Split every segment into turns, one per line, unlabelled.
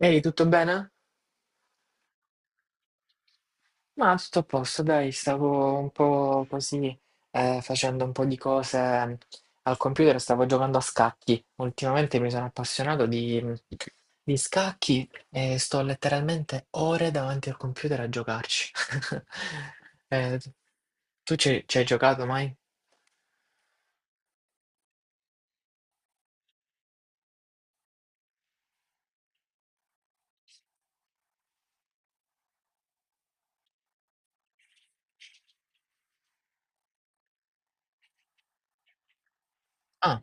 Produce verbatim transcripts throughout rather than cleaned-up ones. Ehi, tutto bene? Ma tutto a posto, dai, stavo un po' così eh, facendo un po' di cose mm, al computer, stavo giocando a scacchi. Ultimamente mi sono appassionato di, mm, di scacchi e sto letteralmente ore davanti al computer a giocarci. Eh, tu ci, ci hai giocato mai? Ah,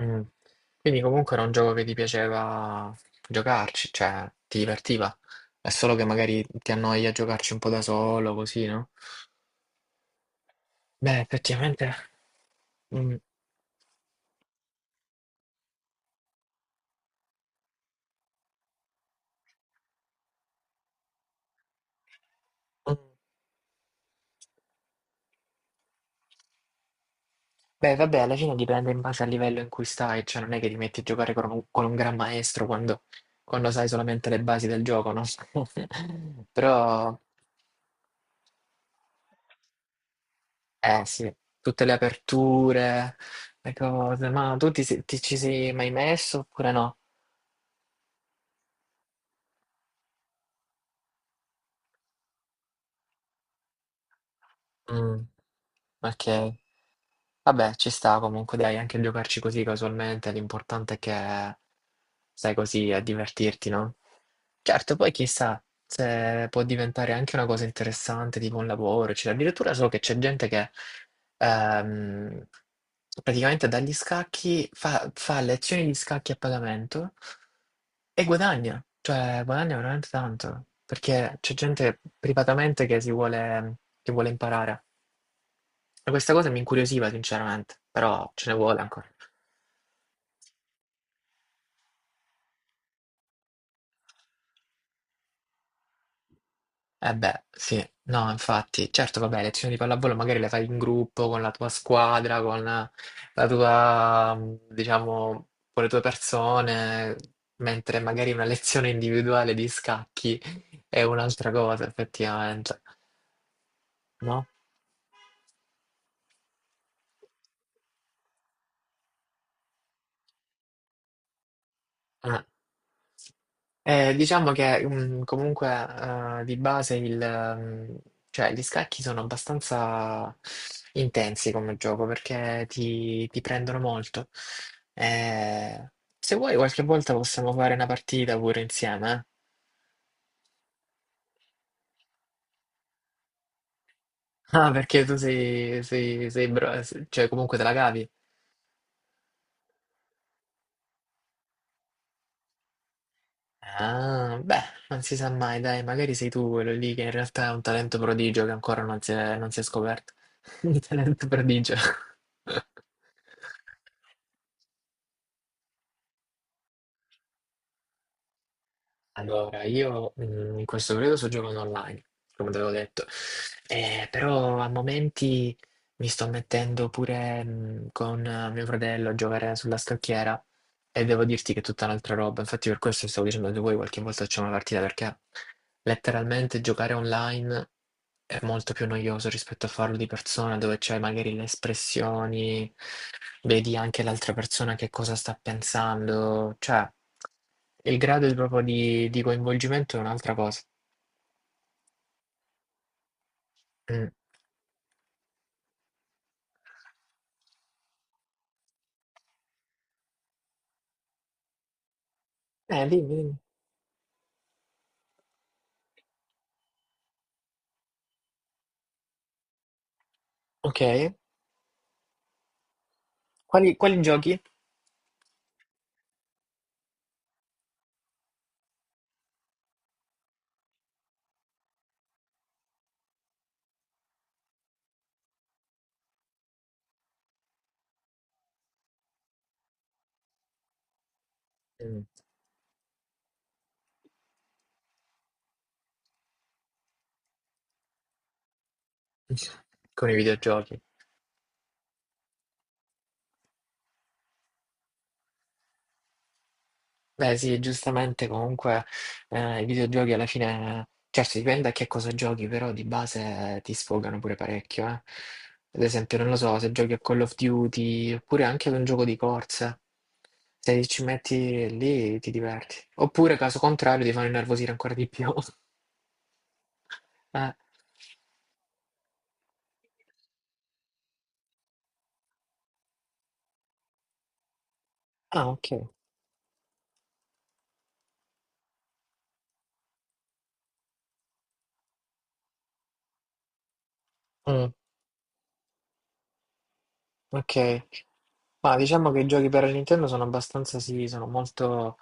mm. Quindi comunque era un gioco che ti piaceva giocarci, cioè ti divertiva. È solo che magari ti annoia a giocarci un po' da solo, così, no? Beh, effettivamente. Mm, mm. Beh, vabbè, alla fine dipende in base al livello in cui stai, cioè non è che ti metti a giocare con un, con un gran maestro quando, quando sai solamente le basi del gioco, no? Però, eh sì, tutte le aperture, le cose, ma tu ti, si- ti ci sei mai messo oppure no? Mm, ok. Vabbè, ci sta comunque, dai, anche giocarci così casualmente, l'importante è che stai così a divertirti, no? Certo, poi chissà se può diventare anche una cosa interessante, tipo un lavoro, eccetera. Addirittura so che c'è gente che ehm, praticamente dagli scacchi fa, fa lezioni di scacchi a pagamento e guadagna, cioè guadagna veramente tanto, perché c'è gente privatamente che si vuole, che vuole imparare. E questa cosa mi incuriosiva sinceramente, però ce ne vuole ancora. Eh beh, sì, no, infatti, certo, vabbè, lezioni di pallavolo magari le fai in gruppo, con la tua squadra, con la tua, mh, diciamo, con le tue persone, mentre magari una lezione individuale di scacchi è un'altra cosa, effettivamente, no? Eh. Eh, diciamo che mm, comunque eh, di base il, mm, cioè, gli scacchi sono abbastanza intensi come gioco perché ti, ti prendono molto. Eh, se vuoi qualche volta possiamo fare una partita pure insieme, eh? Ah, perché tu sei, sei, sei bra- cioè comunque te la cavi. Ah, beh, non si sa mai, dai, magari sei tu quello lì che in realtà è un talento prodigio che ancora non si è, non si è scoperto. Un talento prodigio. Allora, io mm, in questo periodo sto giocando online, come te avevo detto. Eh, però a momenti mi sto mettendo pure mm, con eh, mio fratello a giocare sulla scacchiera e devo dirti che è tutta un'altra roba. Infatti per questo stavo dicendo a voi qualche volta facciamo una partita perché letteralmente giocare online è molto più noioso rispetto a farlo di persona dove c'hai magari le espressioni, vedi anche l'altra persona che cosa sta pensando, cioè il grado di- proprio di, di coinvolgimento è un'altra cosa. Mm. Eh, dimmi, dimmi. Ok. Quali, quali giochi? Mm. Con i videogiochi. Beh sì, giustamente comunque eh, i videogiochi alla fine, certo dipende a che cosa giochi, però di base eh, ti sfogano pure parecchio, eh. Ad esempio, non lo so, se giochi a Call of Duty oppure anche ad un gioco di corsa, se ci metti lì ti diverti. Oppure, caso contrario, ti fanno innervosire ancora di più. Eh. Ah, ok. Mm, ok. Ma diciamo che i giochi per la Nintendo sono abbastanza, sì, sono molto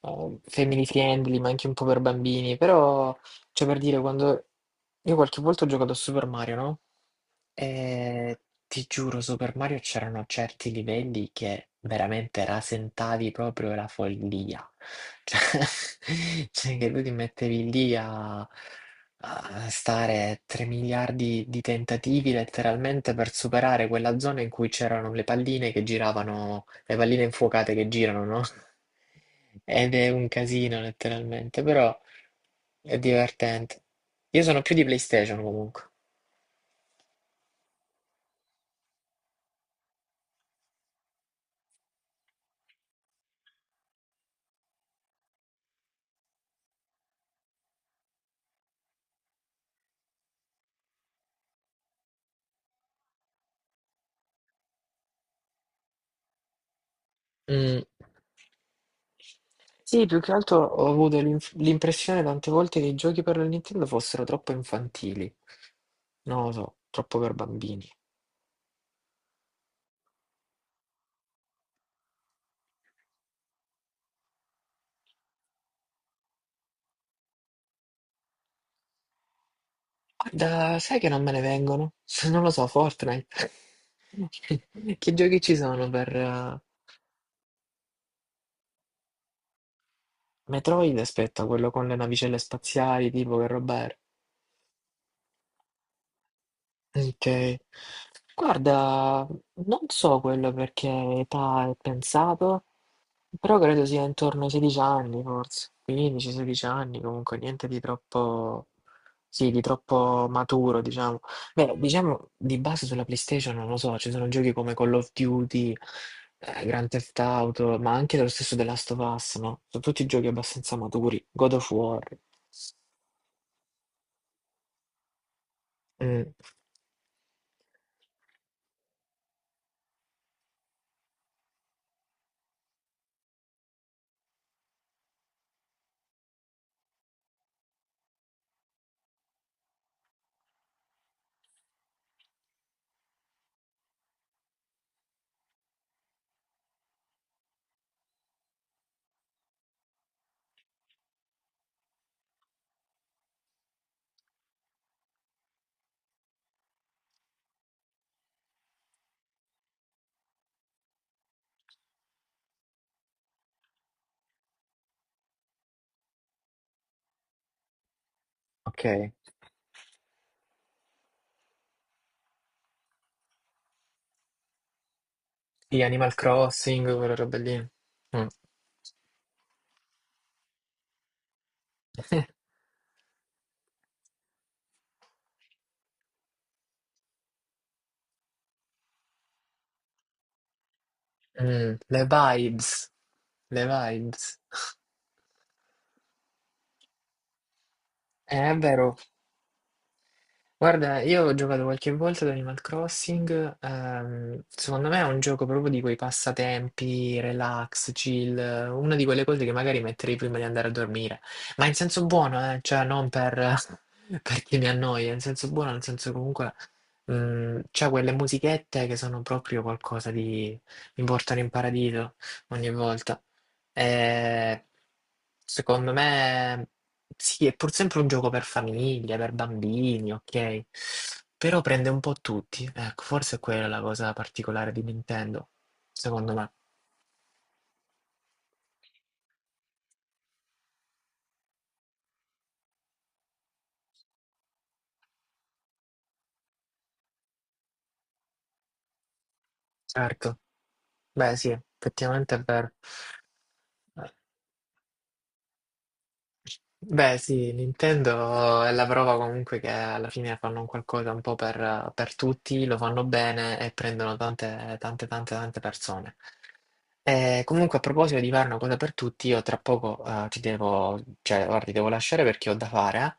eh, family friendly, ma anche un po' per bambini, però... Cioè per dire quando io qualche volta ho giocato a Super Mario, no, ehm, ti giuro Super Mario c'erano certi livelli che veramente rasentavi proprio la follia. Cioè cioè che tu ti mettevi lì a a stare tre miliardi di tentativi letteralmente per superare quella zona in cui c'erano le palline che giravano, le palline infuocate che girano, no, ed è un casino letteralmente, però è divertente. Io sono più di PlayStation comunque. Mm. Sì, più che altro ho avuto l'inf- l'impressione tante volte che i giochi per la Nintendo fossero troppo infantili. Non lo so, troppo per bambini. Guarda, sai che non me ne vengono? Non lo so, Fortnite. Che giochi ci sono per eh, Metroid? Aspetta, quello con le navicelle spaziali, tipo che roba era? Ok. Guarda, non so quello perché età è pensato, però credo sia intorno ai sedici anni, forse quindici sedici anni, comunque niente di troppo, sì, di troppo maturo, diciamo. Beh, diciamo di base sulla PlayStation, non lo so, ci sono giochi come Call of Duty, eh, Grand Theft Auto, ma anche lo stesso The Last of Us, no? Sono tutti giochi abbastanza maturi, God of War. Mm. Ok. Sì, Animal Crossing, quelle robe lì. Mm. Mm, le vibes, le vibes. Eh, È vero. Guarda, io ho giocato qualche volta ad Animal Crossing, ehm, secondo me è un gioco proprio di quei passatempi, relax, chill, eh, una di quelle cose che magari metterei prima di andare a dormire, ma in senso buono, eh, cioè non per, perché mi annoia, in senso buono, nel senso comunque mm, c'è quelle musichette che sono proprio qualcosa di... mi portano in paradiso ogni volta. Eh, secondo me sì, è pur sempre un gioco per famiglie, per bambini, ok? Però prende un po' tutti. Ecco, forse è quella la cosa particolare di Nintendo, secondo me. Certo. Beh, sì, effettivamente è vero. Eh, Beh, sì, Nintendo è la prova comunque che alla fine fanno un qualcosa un po' per, per tutti, lo fanno bene e prendono tante, tante, tante, tante persone. E comunque, a proposito di fare una cosa per tutti, io tra poco eh, ti devo, cioè, guarda, ti devo lasciare perché ho da fare. Eh.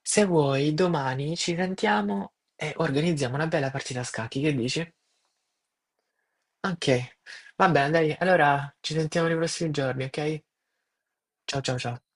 Se vuoi, domani ci sentiamo e organizziamo una bella partita a scacchi, che dici? Ok, va bene, dai, allora ci sentiamo nei prossimi giorni, ok? Ciao, ciao, ciao.